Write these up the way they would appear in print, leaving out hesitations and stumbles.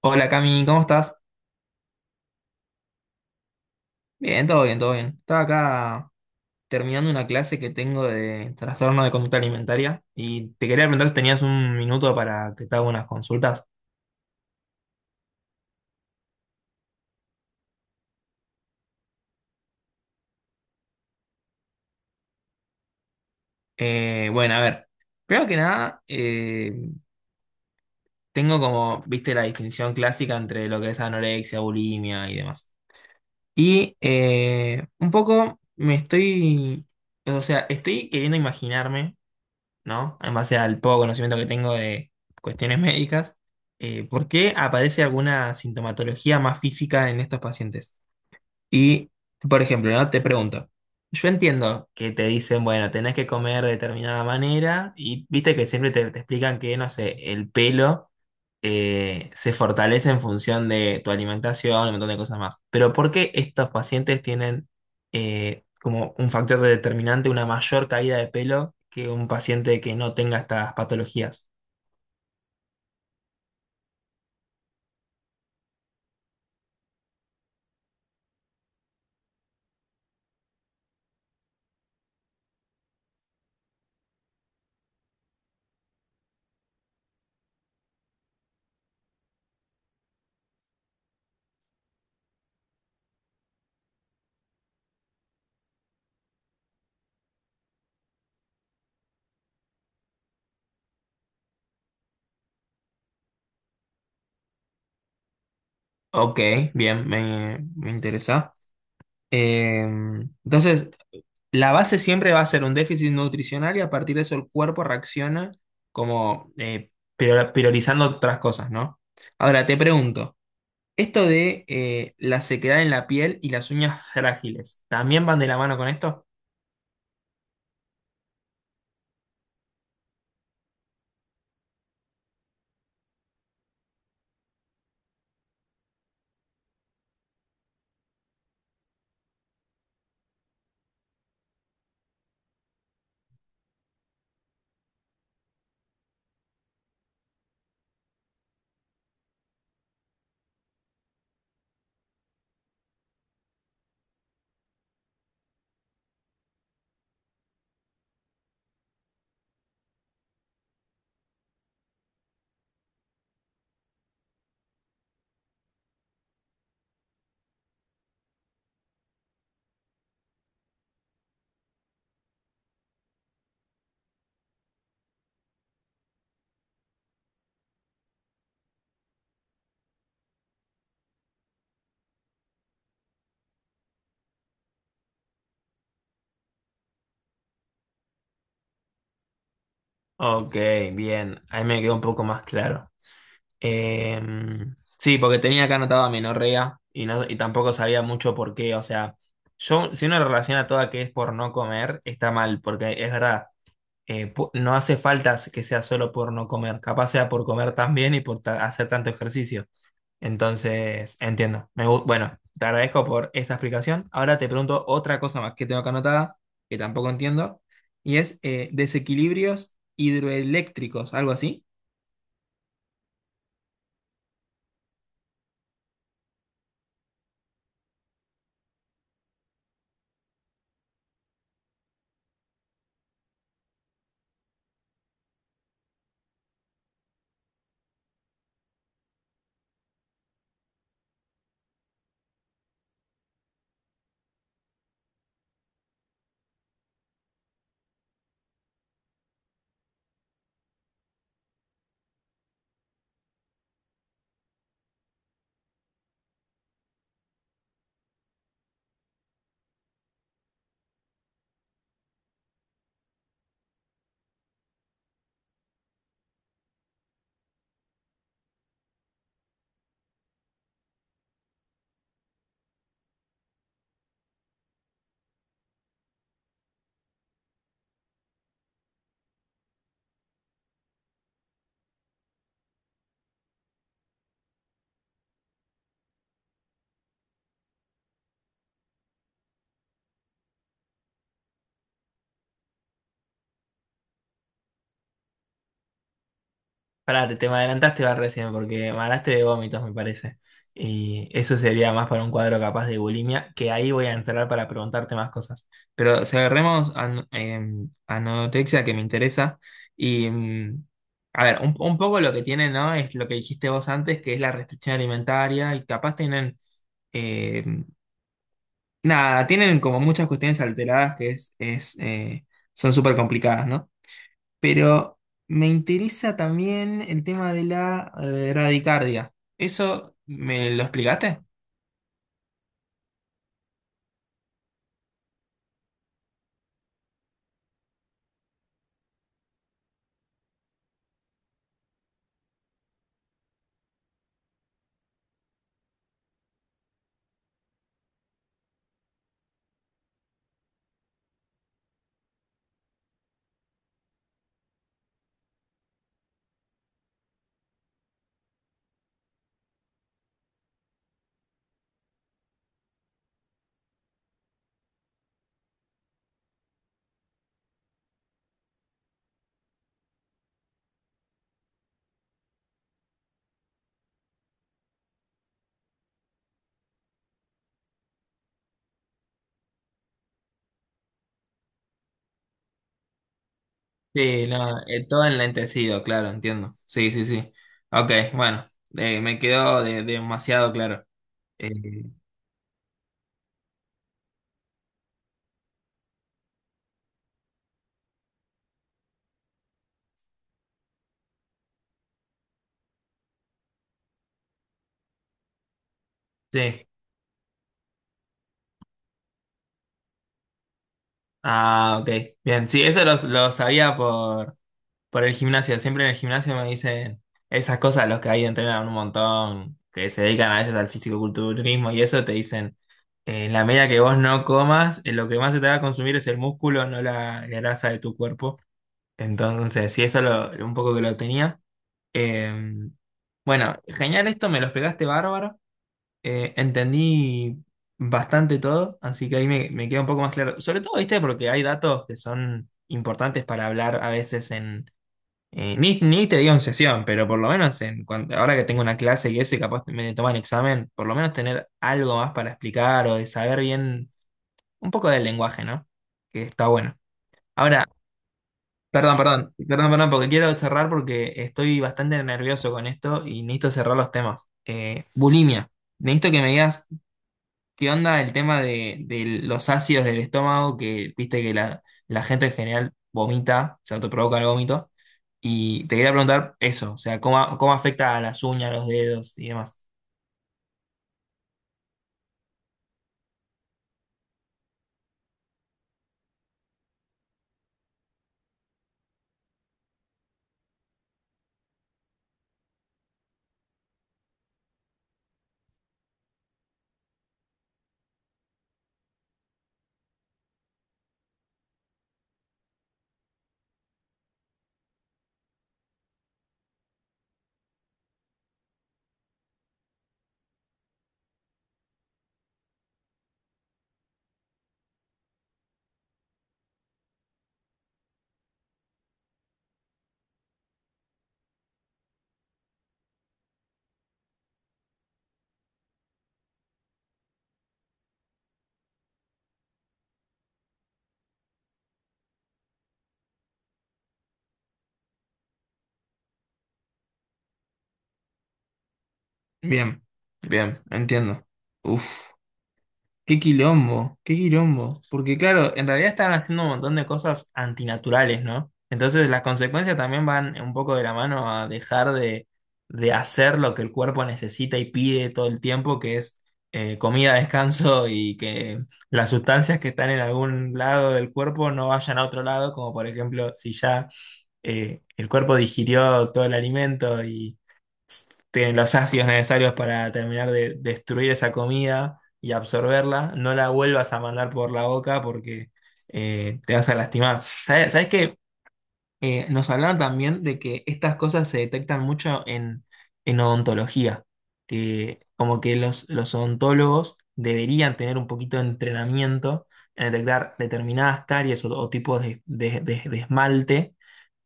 Hola Cami, ¿cómo estás? Bien, todo bien, todo bien. Estaba acá terminando una clase que tengo de trastorno de conducta alimentaria y te quería preguntar si tenías un minuto para que te haga unas consultas. Bueno, a ver, primero que nada, tengo como, viste, la distinción clásica entre lo que es anorexia, bulimia y demás. Y un poco me estoy, o sea, estoy queriendo imaginarme, ¿no? En base al poco conocimiento que tengo de cuestiones médicas, ¿por qué aparece alguna sintomatología más física en estos pacientes? Y, por ejemplo, ¿no? Te pregunto, yo entiendo que te dicen, bueno, tenés que comer de determinada manera y viste que siempre te explican que, no sé, el pelo se fortalece en función de tu alimentación y un montón de cosas más. Pero ¿por qué estos pacientes tienen como un factor determinante una mayor caída de pelo que un paciente que no tenga estas patologías? Ok, bien, me interesa. Eh, entonces, la base siempre va a ser un déficit nutricional y a partir de eso el cuerpo reacciona como priorizando otras cosas, ¿no? Ahora te pregunto, esto de la sequedad en la piel y las uñas frágiles, ¿también van de la mano con esto? Ok, bien, ahí me quedó un poco más claro. Eh, sí, porque tenía acá anotado amenorrea y, no, y tampoco sabía mucho por qué, o sea, yo si uno relaciona toda que es por no comer, está mal, porque es verdad. No hace falta que sea solo por no comer, capaz sea por comer tan bien y hacer tanto ejercicio. Entonces, entiendo. Bueno, te agradezco por esa explicación. Ahora te pregunto otra cosa más que tengo acá anotada, que tampoco entiendo, y es desequilibrios hidroeléctricos, algo así. Pará, te me adelantaste va recién porque me hablaste de vómitos, me parece. Y eso sería más para un cuadro capaz de bulimia, que ahí voy a entrar para preguntarte más cosas. Pero si agarremos anorexia que me interesa. Y mm, a ver, un poco lo que tiene, ¿no? Es lo que dijiste vos antes, que es la restricción alimentaria, y capaz tienen eh, nada, tienen como muchas cuestiones alteradas que son súper complicadas, ¿no? Pero me interesa también el tema de la radicardia. ¿Eso me lo explicaste? Sí, no, todo enlentecido, claro, entiendo. Sí, sí, sí. Ok, bueno, me quedó demasiado claro. Eh, sí. Ah, ok. Bien, sí, lo sabía por el gimnasio, siempre en el gimnasio me dicen esas cosas, los que ahí entrenan un montón, que se dedican a ellos al fisicoculturismo y eso, te dicen, en la medida que vos no comas, lo que más se te va a consumir es el músculo, no la grasa de tu cuerpo. Entonces, sí, un poco que lo tenía. Eh, bueno, genial esto, me lo explicaste bárbaro, entendí bastante todo, así que me queda un poco más claro. Sobre todo, viste, porque hay datos que son importantes para hablar a veces, ni te digo en sesión, pero por lo menos ahora que tengo una clase y eso y capaz me toman examen, por lo menos tener algo más para explicar o de saber bien un poco del lenguaje, ¿no? Que está bueno. Ahora, perdón, perdón, perdón, perdón, porque quiero cerrar porque estoy bastante nervioso con esto y necesito cerrar los temas. Bulimia. Necesito que me digas, ¿qué onda el tema de los ácidos del estómago? Que viste que la gente en general vomita, se autoprovoca el vómito. Y te quería preguntar eso, o sea, ¿cómo, cómo afecta a las uñas, los dedos y demás? Bien, bien, entiendo. Uf. Qué quilombo, qué quilombo. Porque claro, en realidad están haciendo un montón de cosas antinaturales, ¿no? Entonces las consecuencias también van un poco de la mano a dejar de hacer lo que el cuerpo necesita y pide todo el tiempo, que es comida, descanso y que las sustancias que están en algún lado del cuerpo no vayan a otro lado, como por ejemplo si ya el cuerpo digirió todo el alimento y tienen los ácidos necesarios para terminar de destruir esa comida y absorberla, no la vuelvas a mandar por la boca porque te vas a lastimar. ¿Sabes, sabes qué? Nos hablaron también de que estas cosas se detectan mucho en odontología, que como que los odontólogos deberían tener un poquito de entrenamiento en detectar determinadas caries o tipos de de esmalte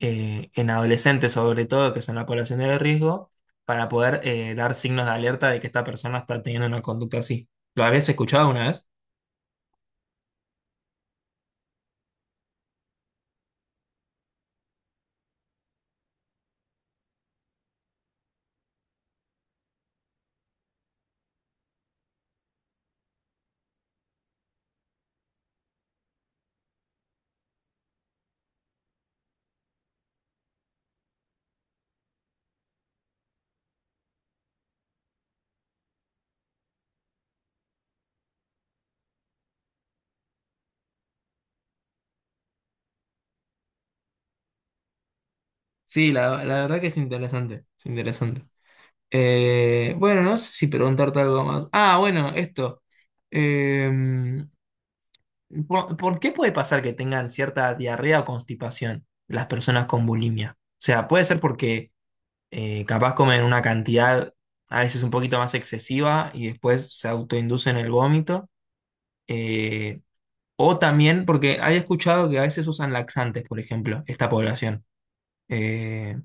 en adolescentes sobre todo, que son la población de riesgo, para poder dar signos de alerta de que esta persona está teniendo una conducta así. ¿Lo habías escuchado alguna vez? Sí, la verdad que es interesante, es interesante. Bueno, no sé si preguntarte algo más. Ah, bueno, esto. Em, por qué puede pasar que tengan cierta diarrea o constipación las personas con bulimia? O sea, puede ser porque capaz comen una cantidad a veces un poquito más excesiva y después se autoinducen el vómito. eh, o también, porque había escuchado que a veces usan laxantes, por ejemplo, esta población. Eh,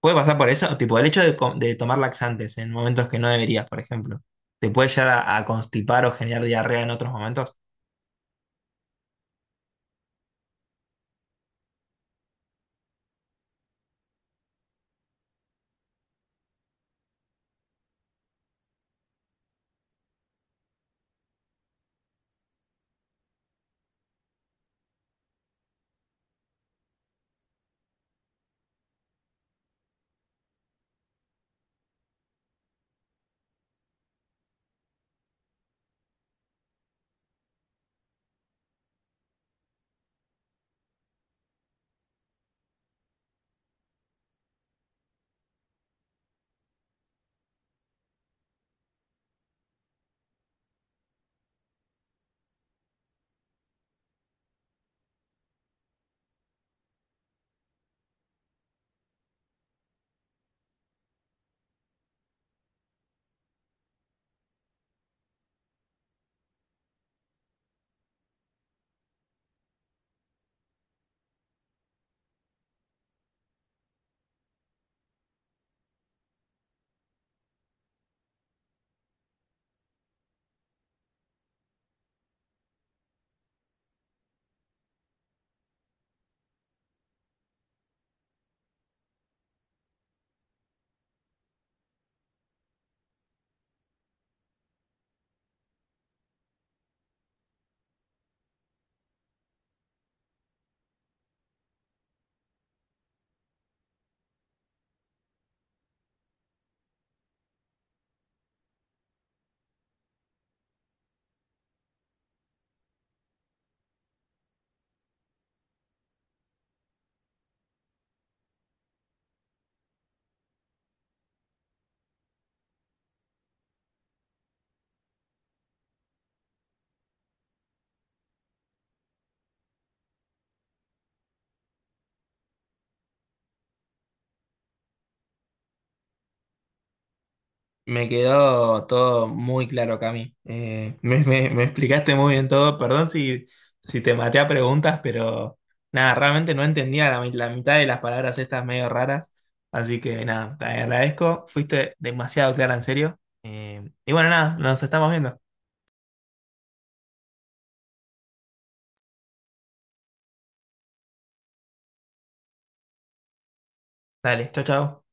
Puede pasar por eso, tipo el hecho de, de tomar laxantes en momentos que no deberías, por ejemplo. ¿Te puede llegar a constipar o generar diarrea en otros momentos? Me quedó todo muy claro, Cami. Me explicaste muy bien todo. Perdón si, si te maté a preguntas, pero nada, realmente no entendía la mitad de las palabras estas medio raras. Así que nada, te agradezco. Fuiste demasiado clara, en serio. Y bueno, nada, nos estamos viendo. Dale, chao, chao.